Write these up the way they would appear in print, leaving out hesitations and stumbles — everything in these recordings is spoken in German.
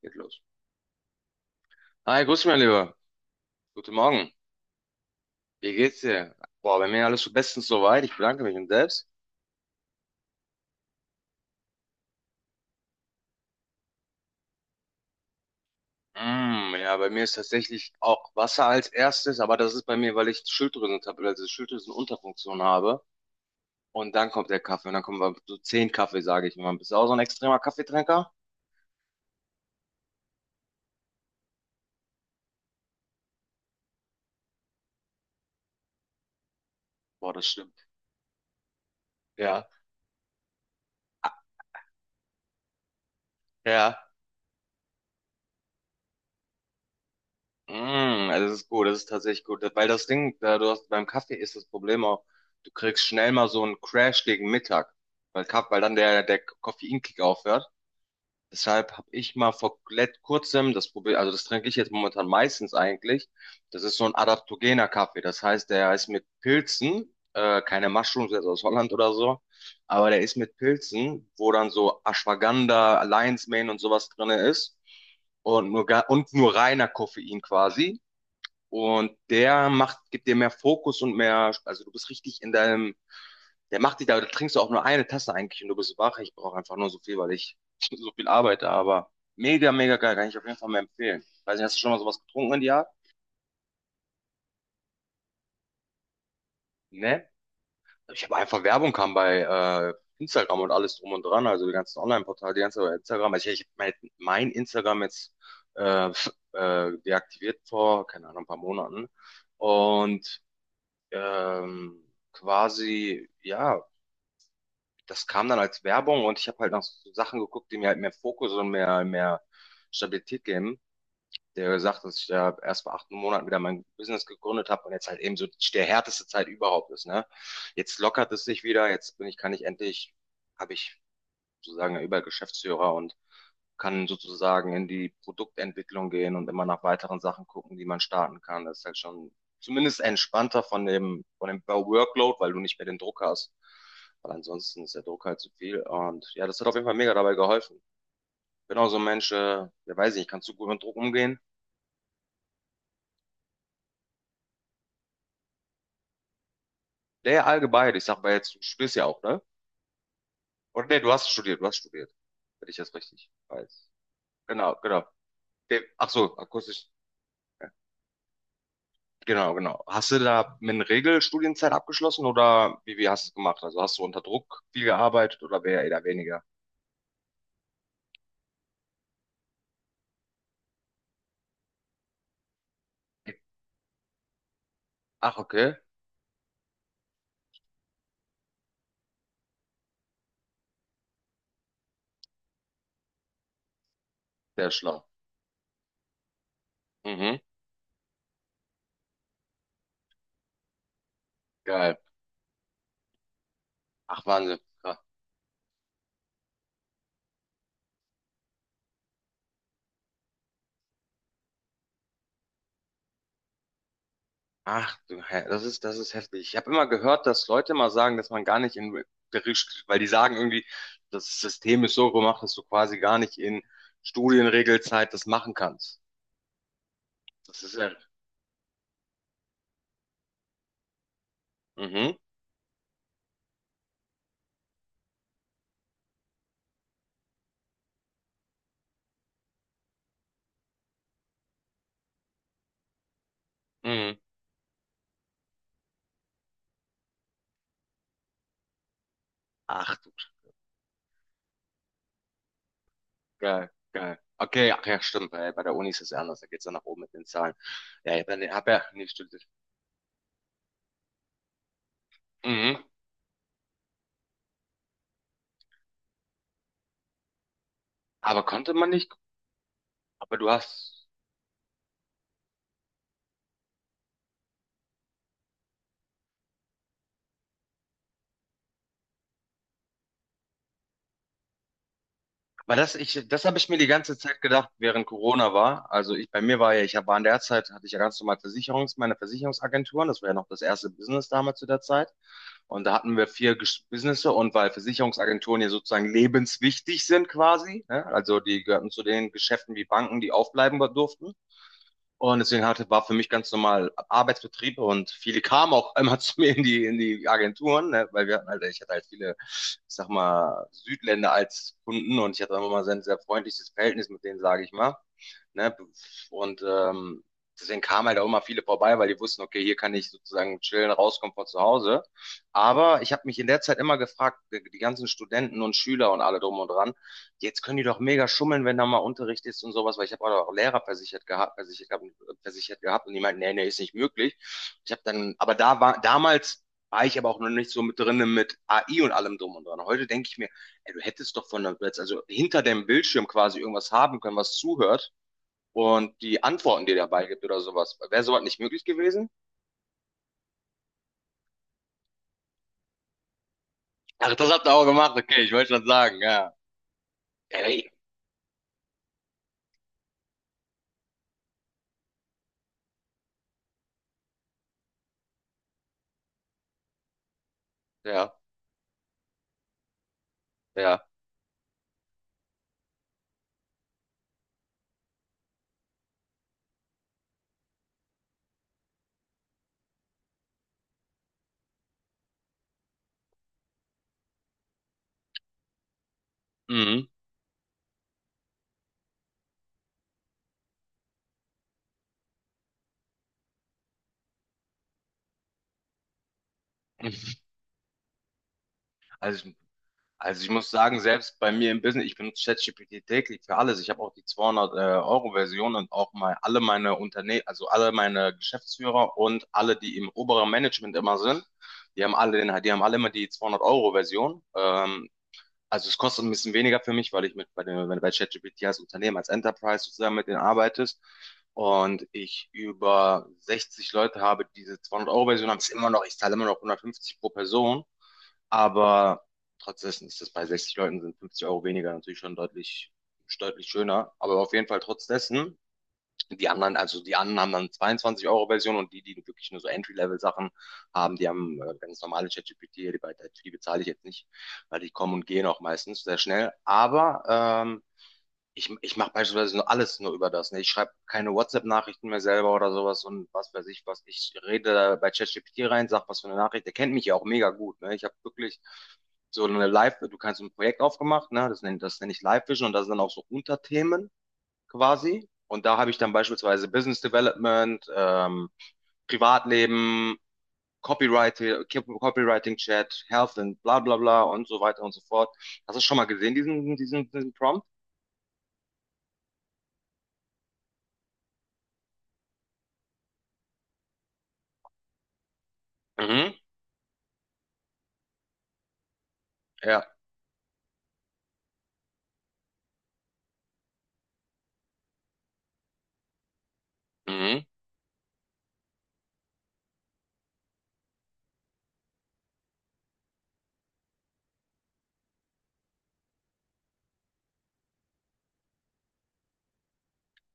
Geht los. Hi, grüß mich, mein Lieber. Guten Morgen. Wie geht's dir? Boah, bei mir alles so bestens soweit. Ich bedanke mich und selbst. Mm, ja, bei mir ist tatsächlich auch Wasser als erstes, aber das ist bei mir, weil ich Schilddrüsentabletten, also Schilddrüsenunterfunktion habe. Und dann kommt der Kaffee und dann kommen wir so 10 Kaffee, sage ich mal. Bist du auch so ein extremer Kaffeetrinker? Boah, das stimmt. Ja, ja. Mm, also das ist gut, das ist tatsächlich gut. Weil das Ding, da du hast, beim Kaffee ist das Problem auch, du kriegst schnell mal so einen Crash gegen Mittag, weil dann der Koffeinkick aufhört. Deshalb habe ich mal vor kurzem das Problem, also das trinke ich jetzt momentan meistens eigentlich. Das ist so ein adaptogener Kaffee. Das heißt, der ist mit Pilzen, keine Mushrooms jetzt aus Holland oder so, aber der ist mit Pilzen, wo dann so Ashwagandha, Lion's Mane und sowas drinne ist. Und nur reiner Koffein quasi. Und der macht, gibt dir mehr Fokus und mehr, also du bist richtig in deinem, der macht dich da, da trinkst du auch nur eine Tasse eigentlich und du bist wach. Ich brauche einfach nur so viel, weil ich so viel arbeite, aber mega, mega geil, kann ich auf jeden Fall mal empfehlen. Weiß nicht, hast du schon mal sowas getrunken in die Art? Ne? Ich habe einfach Werbung kam bei Instagram und alles drum und dran, also die ganzen Online-Portale, die ganze Instagram. Also ich hab mein Instagram jetzt deaktiviert vor, keine Ahnung, ein paar Monaten. Und ähm, quasi, ja, das kam dann als Werbung und ich habe halt nach so Sachen geguckt, die mir halt mehr Fokus und mehr Stabilität geben. Der gesagt, dass ich ja erst vor 8 Monaten wieder mein Business gegründet habe und jetzt halt eben so der härteste Zeit überhaupt ist, ne? Jetzt lockert es sich wieder, jetzt bin ich, kann ich endlich, habe ich sozusagen über Geschäftsführer und kann sozusagen in die Produktentwicklung gehen und immer nach weiteren Sachen gucken, die man starten kann. Das ist halt schon zumindest entspannter von dem Workload, weil du nicht mehr den Druck hast. Weil ansonsten ist der Druck halt zu viel. Und ja, das hat auf jeden Fall mega dabei geholfen. Ich bin auch so ein Mensch, ja weiß ich nicht, kannst du gut mit Druck umgehen? Der allgemein, ich sag mal jetzt, du studierst ja auch, ne? Oder nee, du hast studiert, du hast studiert. Wenn ich das richtig weiß. Genau, genau. Der, ach so, akustisch. Genau, genau. Hast du da mit einer Regelstudienzeit abgeschlossen oder wie hast du es gemacht? Also hast du unter Druck viel gearbeitet oder eher weniger? Ach, okay. Sehr schlau. Mhm. Geil. Ach, Wahnsinn. Ja. Ach, du, das ist heftig. Ich habe immer gehört, dass Leute mal sagen, dass man gar nicht in Bericht, weil die sagen irgendwie, das System ist so gemacht, dass du quasi gar nicht in Studienregelzeit das machen kannst. Das ist ja. Mhm. Mhm. Ach, geil, geil. Okay, ach ja, stimmt. Bei der Uni ist es ja anders. Da geht's dann nach oben mit den Zahlen. Ja, ich hab ja nicht studiert. Mhm. Aber konnte man nicht. Aber du hast. Aber das habe ich mir die ganze Zeit gedacht, während Corona war. Also ich, bei mir war ja, war in der Zeit, hatte ich ja ganz normal meine Versicherungsagenturen. Das war ja noch das erste Business damals zu der Zeit. Und da hatten wir vier Businesse und weil Versicherungsagenturen ja sozusagen lebenswichtig sind quasi, ne? Also die gehörten zu den Geschäften wie Banken, die aufbleiben durften. Und deswegen hatte, war für mich ganz normal Arbeitsbetrieb und viele kamen auch immer zu mir in die Agenturen, ne? Weil wir hatten halt, ich hatte halt viele, ich sag mal, Südländer als Kunden und ich hatte immer mal sehr, sehr freundliches Verhältnis mit denen, sage ich mal. Ne? Und deswegen kamen halt auch immer viele vorbei, weil die wussten, okay, hier kann ich sozusagen chillen, rauskommen von zu Hause. Aber ich habe mich in der Zeit immer gefragt, die ganzen Studenten und Schüler und alle drum und dran, jetzt können die doch mega schummeln, wenn da mal Unterricht ist und sowas, weil ich habe auch Lehrer versichert gehabt, und die meinten, nee, nee, ist nicht möglich. Ich habe dann, aber da war damals war ich aber auch noch nicht so mit drin, mit AI und allem drum und dran. Heute denke ich mir, ey, du hättest doch von der, also hinter dem Bildschirm quasi irgendwas haben können, was zuhört und die Antworten, die dabei gibt oder sowas. Wäre sowas nicht möglich gewesen? Ach, das habt ihr auch gemacht, okay, ich wollte schon sagen, ja. Ey, ja, ja. Mhm. Also Also ich muss sagen, selbst bei mir im Business, ich benutze ChatGPT täglich für alles. Ich habe auch die 200-Euro-Version und auch mal alle meine Unternehmen, also alle meine Geschäftsführer und alle, die im oberen Management immer sind, die haben alle immer die 200-Euro-Version. Also es kostet ein bisschen weniger für mich, weil ich mit bei dem, wenn du bei ChatGPT als Unternehmen, als Enterprise sozusagen mit denen arbeitest und ich über 60 Leute habe, die diese 200-Euro-Version haben, ist immer noch, ich zahle immer noch 150 pro Person, aber trotzdem ist das bei 60 Leuten sind 50 € weniger natürlich schon deutlich, deutlich schöner, aber auf jeden Fall trotz dessen die anderen, also die anderen haben dann 22 € Version und die, die wirklich nur so Entry-Level-Sachen haben, die haben ganz normale ChatGPT, die, die bezahle ich jetzt nicht, weil die kommen und gehen auch meistens sehr schnell. Aber ähm, ich mache beispielsweise nur alles nur über das. Ne? Ich schreibe keine WhatsApp-Nachrichten mehr selber oder sowas und was weiß ich was. Ich rede da bei ChatGPT rein, sag was für eine Nachricht. Der kennt mich ja auch mega gut. Ne? Ich habe wirklich so eine Live, du kannst ein Projekt aufgemacht, ne? Das nenn ich Live Vision und da sind dann auch so Unterthemen quasi. Und da habe ich dann beispielsweise Business Development, Privatleben, Copywriting, Copywriting Chat, Health und bla bla bla und so weiter und so fort. Hast du schon mal gesehen, diesen Prompt? Mhm. Ja. Mhm.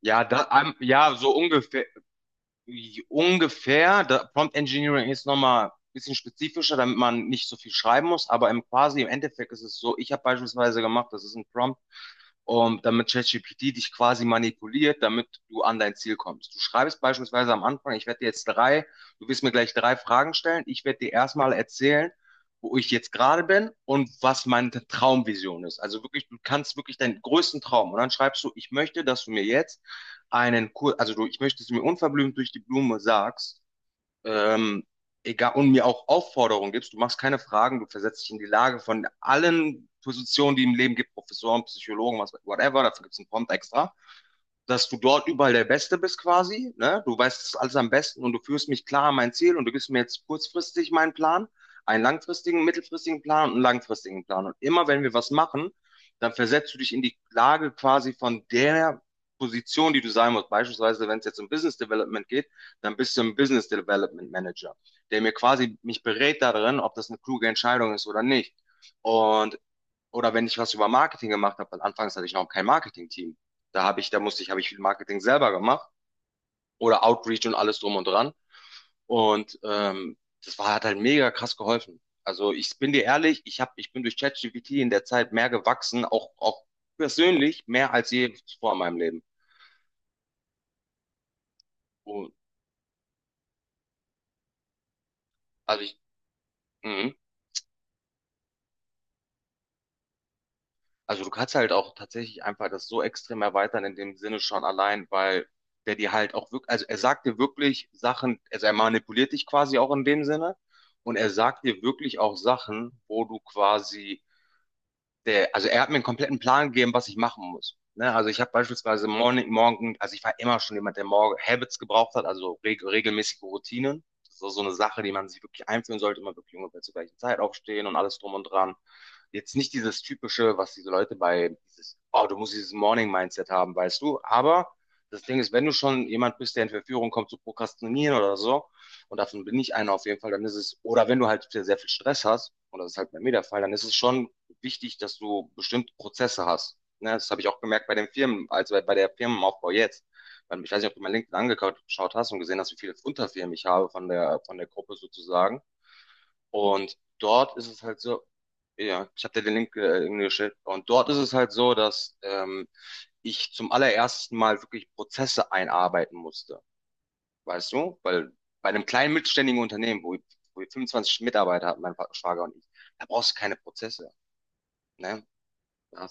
Ja, da, ja, so ungefähr. Ungefähr. Da, Prompt Engineering ist nochmal ein bisschen spezifischer, damit man nicht so viel schreiben muss. Aber im quasi im Endeffekt ist es so, ich habe beispielsweise gemacht, das ist ein Prompt, um, damit ChatGPT dich quasi manipuliert, damit du an dein Ziel kommst. Du schreibst beispielsweise am Anfang, ich werde dir jetzt drei, du wirst mir gleich drei Fragen stellen. Ich werde dir erstmal erzählen, wo ich jetzt gerade bin und was meine Traumvision ist. Also wirklich, du kannst wirklich deinen größten Traum. Und dann schreibst du, ich möchte, dass du mir jetzt einen Kurs, also du, ich möchte, dass du mir unverblümt durch die Blume sagst, ähm, egal, und mir auch Aufforderungen gibst, du machst keine Fragen, du versetzt dich in die Lage von allen Positionen, die im Leben gibt, Professoren, Psychologen, was, whatever, dafür gibt es einen Prompt extra, dass du dort überall der Beste bist quasi, ne? Du weißt es alles am besten und du führst mich klar an mein Ziel und du gibst mir jetzt kurzfristig meinen Plan, einen langfristigen, mittelfristigen Plan und einen langfristigen Plan. Und immer wenn wir was machen, dann versetzt du dich in die Lage quasi von der Position, die du sein musst. Beispielsweise, wenn es jetzt um Business Development geht, dann bist du ein Business Development Manager, der mir quasi mich berät darin, ob das eine kluge Entscheidung ist oder nicht. Und oder wenn ich was über Marketing gemacht habe, weil anfangs hatte ich noch kein Marketing-Team. Da habe ich, da musste ich, habe ich viel Marketing selber gemacht oder Outreach und alles drum und dran. Und das war, hat halt mega krass geholfen. Also ich bin dir ehrlich, ich bin durch ChatGPT in der Zeit mehr gewachsen, auch, auch persönlich, mehr als je zuvor in meinem Leben. Und, also ich, mhm. Also du kannst halt auch tatsächlich einfach das so extrem erweitern in dem Sinne schon allein, weil der dir halt auch wirklich, also er sagt dir wirklich Sachen, also er manipuliert dich quasi auch in dem Sinne und er sagt dir wirklich auch Sachen, wo du quasi der, also er hat mir einen kompletten Plan gegeben, was ich machen muss. Ne? Also ich habe beispielsweise morgen, also ich war immer schon jemand, der morgen Habits gebraucht hat, also regelmäßige Routinen. Das ist auch so eine Sache, die man sich wirklich einführen sollte, immer wirklich ungefähr zur gleichen Zeit aufstehen und alles drum und dran. Jetzt nicht dieses typische, was diese Leute bei dieses, oh, du musst dieses Morning-Mindset haben, weißt du. Aber das Ding ist, wenn du schon jemand bist, der in Verführung kommt zu prokrastinieren oder so, und davon bin ich einer auf jeden Fall, dann ist es, oder wenn du halt sehr viel Stress hast, und das ist halt bei mir der Fall, dann ist es schon wichtig, dass du bestimmte Prozesse hast. Ne, das habe ich auch gemerkt bei den Firmen, also bei der Firmenaufbau jetzt. Weil ich weiß nicht, ob du mein LinkedIn angeschaut hast und gesehen hast, wie viele Unterfirmen ich habe von der Gruppe sozusagen. Und dort ist es halt so, ja, ich habe dir den Link irgendwie geschickt. Und dort ist es halt so, dass ich zum allerersten Mal wirklich Prozesse einarbeiten musste. Weißt du? Weil bei einem kleinen mittelständigen Unternehmen, wo wir 25 Mitarbeiter hatten, mein Schwager und ich, da brauchst du keine Prozesse. Ne? Da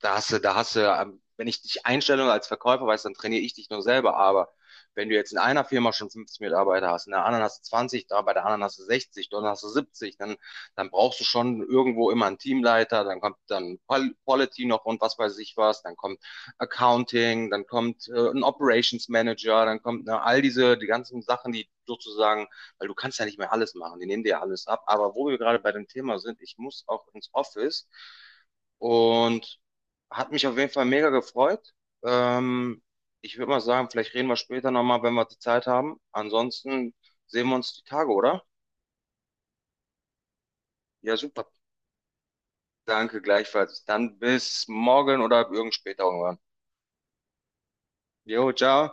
da hast du, wenn ich dich einstelle als Verkäufer, weiß, dann trainiere ich dich nur selber. Aber wenn du jetzt in einer Firma schon 50 Mitarbeiter hast, in der anderen hast du 20, da bei der anderen hast du 60, dann hast du 70, dann brauchst du schon irgendwo immer einen Teamleiter, dann kommt dann Quality noch und was weiß ich was, dann kommt Accounting, dann kommt ein Operations Manager, dann kommt ne, all diese, die ganzen Sachen, die sozusagen, weil du kannst ja nicht mehr alles machen, die nehmen dir ja alles ab. Aber wo wir gerade bei dem Thema sind, ich muss auch ins Office. Und hat mich auf jeden Fall mega gefreut. Ähm, Ich würde mal sagen, vielleicht reden wir später nochmal, wenn wir die Zeit haben. Ansonsten sehen wir uns die Tage, oder? Ja, super. Danke gleichfalls. Dann bis morgen oder irgend später irgendwann. Jo, ciao.